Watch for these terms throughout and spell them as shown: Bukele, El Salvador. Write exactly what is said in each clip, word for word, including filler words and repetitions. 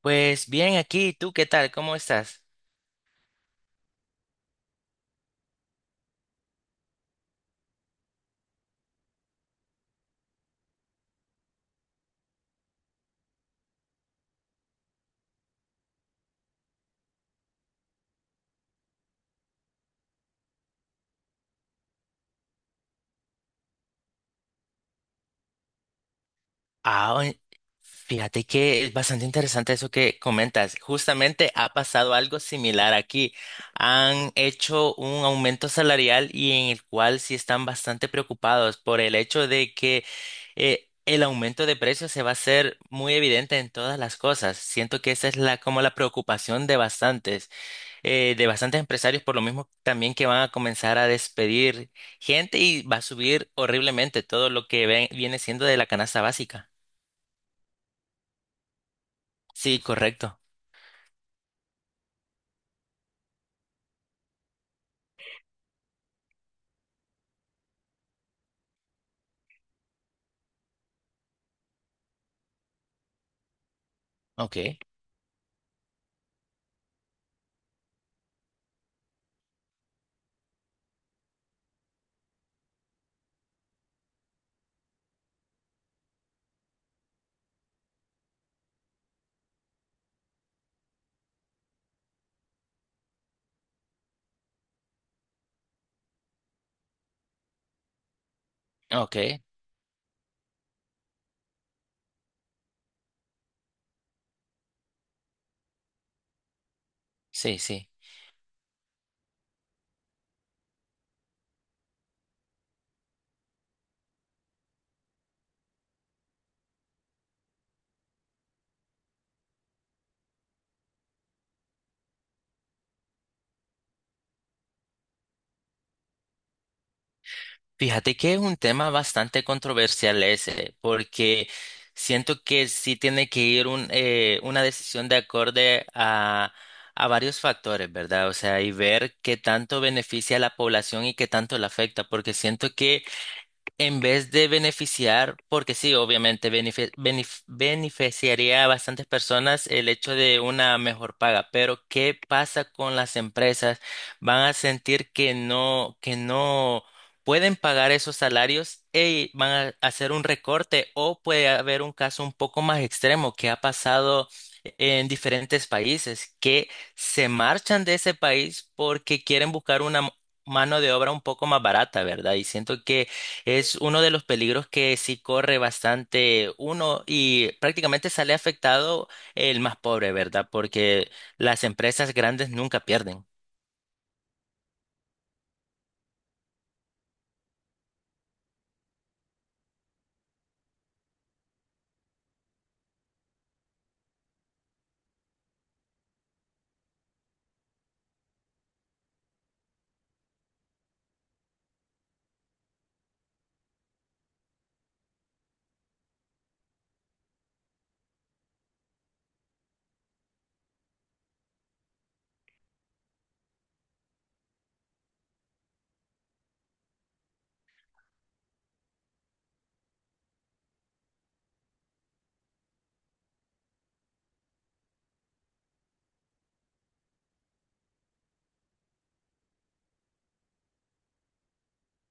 Pues bien, aquí, ¿tú qué tal? ¿Cómo estás? Ah, oye, fíjate que es bastante interesante eso que comentas. Justamente ha pasado algo similar aquí. Han hecho un aumento salarial y en el cual sí están bastante preocupados por el hecho de que eh, el aumento de precios se va a hacer muy evidente en todas las cosas. Siento que esa es la como la preocupación de bastantes. eh, de bastantes empresarios por lo mismo también que van a comenzar a despedir gente y va a subir horriblemente todo lo que ven- viene siendo de la canasta básica. Sí, correcto. Ok, ok, sí, sí. Fíjate que es un tema bastante controversial ese, porque siento que sí tiene que ir un, eh, una decisión de acorde a, a varios factores, ¿verdad? O sea, y ver qué tanto beneficia a la población y qué tanto la afecta, porque siento que en vez de beneficiar, porque sí, obviamente benefi- benef- beneficiaría a bastantes personas el hecho de una mejor paga, pero ¿qué pasa con las empresas? Van a sentir que no, que no pueden pagar esos salarios y van a hacer un recorte o puede haber un caso un poco más extremo que ha pasado en diferentes países, que se marchan de ese país porque quieren buscar una mano de obra un poco más barata, ¿verdad? Y siento que es uno de los peligros que sí corre bastante uno y prácticamente sale afectado el más pobre, ¿verdad? Porque las empresas grandes nunca pierden.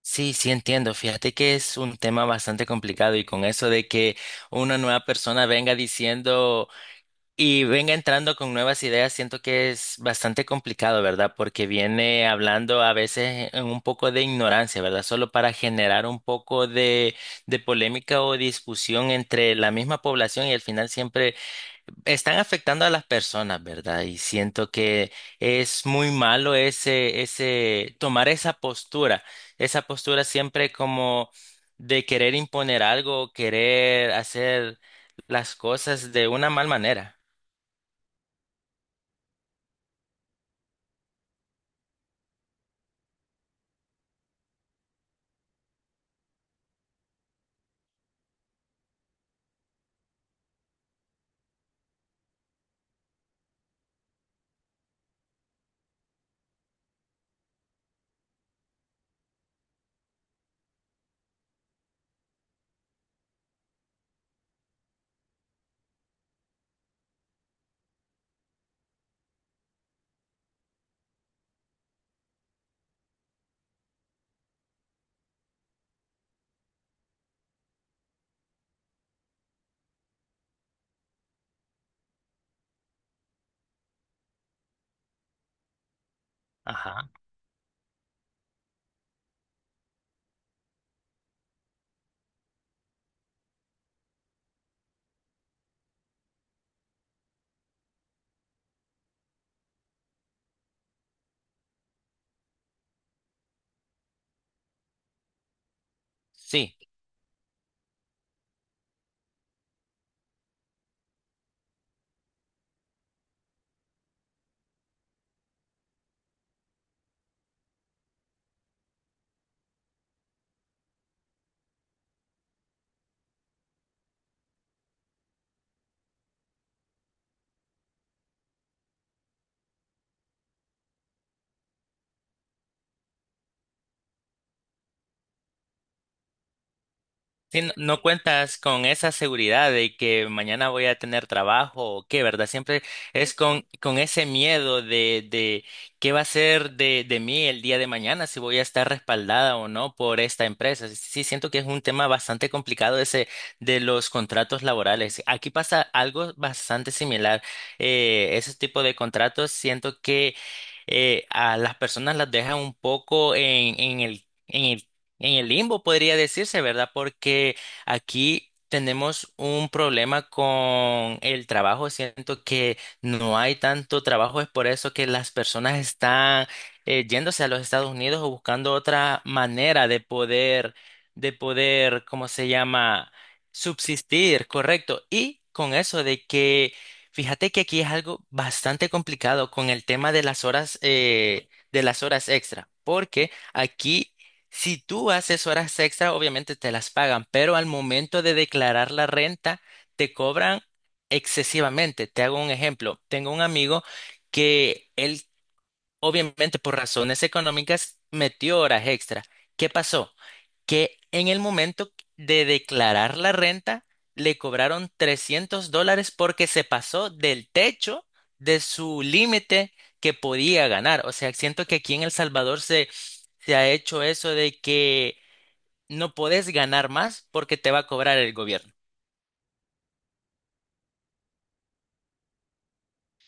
Sí, sí, entiendo. Fíjate que es un tema bastante complicado y con eso de que una nueva persona venga diciendo y venga entrando con nuevas ideas, siento que es bastante complicado, ¿verdad? Porque viene hablando a veces en un poco de ignorancia, ¿verdad? Solo para generar un poco de, de polémica o discusión entre la misma población y al final siempre están afectando a las personas, ¿verdad? Y siento que es muy malo ese, ese, tomar esa postura, esa postura siempre como de querer imponer algo, querer hacer las cosas de una mal manera. Ajá. Sí. Sí, no, no cuentas con esa seguridad de que mañana voy a tener trabajo o qué, ¿verdad? Siempre es con, con ese miedo de, de qué va a ser de, de mí el día de mañana, si voy a estar respaldada o no por esta empresa. Sí, sí, siento que es un tema bastante complicado ese de los contratos laborales. Aquí pasa algo bastante similar. Eh, ese tipo de contratos siento que eh, a las personas las dejan un poco en, en el... en el En el limbo podría decirse, ¿verdad? Porque aquí tenemos un problema con el trabajo. Siento que no hay tanto trabajo. Es por eso que las personas están eh, yéndose a los Estados Unidos o buscando otra manera de poder, de poder, ¿cómo se llama? Subsistir, correcto. Y con eso de que, fíjate que aquí es algo bastante complicado con el tema de las horas, eh, de las horas extra. Porque aquí si tú haces horas extra, obviamente te las pagan, pero al momento de declarar la renta, te cobran excesivamente. Te hago un ejemplo. Tengo un amigo que él obviamente por razones económicas, metió horas extra. ¿Qué pasó? Que en el momento de declarar la renta, le cobraron trescientos dólares porque se pasó del techo de su límite que podía ganar. O sea, siento que aquí en El Salvador se, se ha hecho eso de que no podés ganar más porque te va a cobrar el gobierno.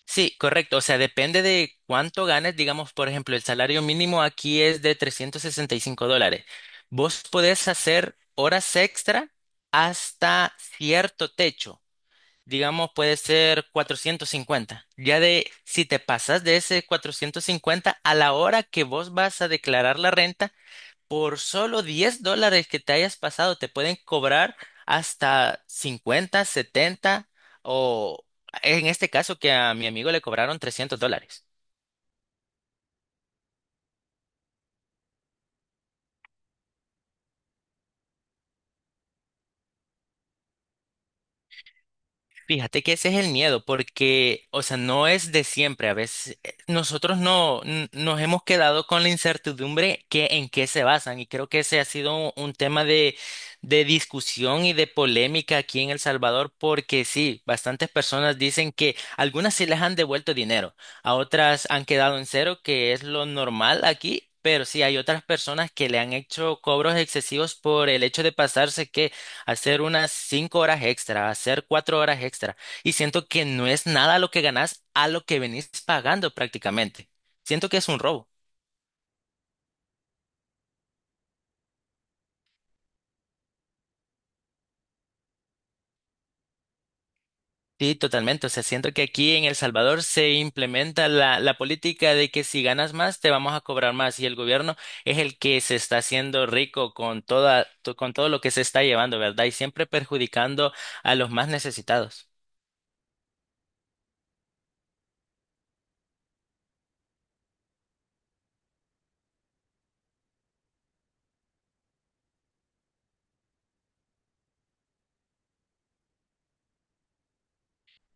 Sí, correcto. O sea, depende de cuánto ganes. Digamos, por ejemplo, el salario mínimo aquí es de trescientos sesenta y cinco dólares. Vos podés hacer horas extra hasta cierto techo. Digamos, puede ser cuatrocientos cincuenta. Ya de, si te pasas de ese cuatrocientos cincuenta a la hora que vos vas a declarar la renta, por solo diez dólares que te hayas pasado, te pueden cobrar hasta cincuenta, setenta o en este caso que a mi amigo le cobraron trescientos dólares. Fíjate que ese es el miedo, porque, o sea, no es de siempre. A veces eh, nosotros no n- nos hemos quedado con la incertidumbre que en qué se basan. Y creo que ese ha sido un, un tema de, de, discusión y de polémica aquí en El Salvador, porque sí, bastantes personas dicen que algunas sí les han devuelto dinero, a otras han quedado en cero, que es lo normal aquí. Pero sí, hay otras personas que le han hecho cobros excesivos por el hecho de pasarse que hacer unas cinco horas extra, hacer cuatro horas extra. Y siento que no es nada lo que ganas a lo que venís pagando prácticamente. Siento que es un robo. Sí, totalmente. O sea, siento que aquí en El Salvador se implementa la, la política de que si ganas más, te vamos a cobrar más. Y el gobierno es el que se está haciendo rico con toda, to- con todo lo que se está llevando, ¿verdad? Y siempre perjudicando a los más necesitados.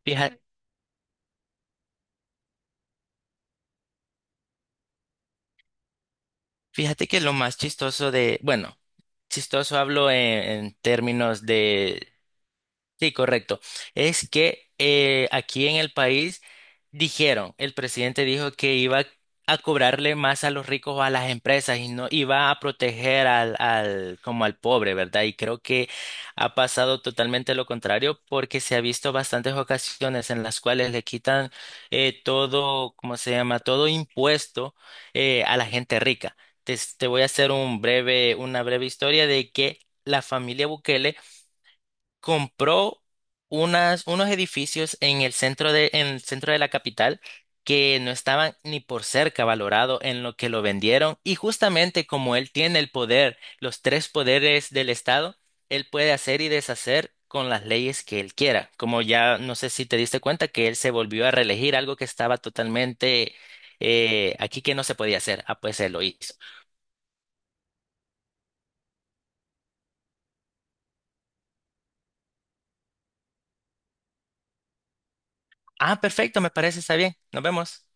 Fíjate, fíjate que lo más chistoso de, bueno, chistoso hablo en en términos de sí, correcto. Es que eh, aquí en el país dijeron, el presidente dijo que iba a cobrarle más a los ricos o a las empresas y no iba a proteger al, al, como al pobre, ¿verdad? Y creo que ha pasado totalmente lo contrario porque se ha visto bastantes ocasiones en las cuales le quitan eh, todo, ¿cómo se llama? Todo impuesto eh, a la gente rica. Te, te voy a hacer un breve, una breve historia de que la familia Bukele compró unas, unos edificios en el centro de, en el centro de la capital que no estaban ni por cerca valorado en lo que lo vendieron. Y justamente como él tiene el poder, los tres poderes del Estado, él puede hacer y deshacer con las leyes que él quiera. Como ya no sé si te diste cuenta que él se volvió a reelegir algo que estaba totalmente eh, aquí que no se podía hacer. Ah, pues él lo hizo. Ah, perfecto, me parece, está bien. Nos vemos.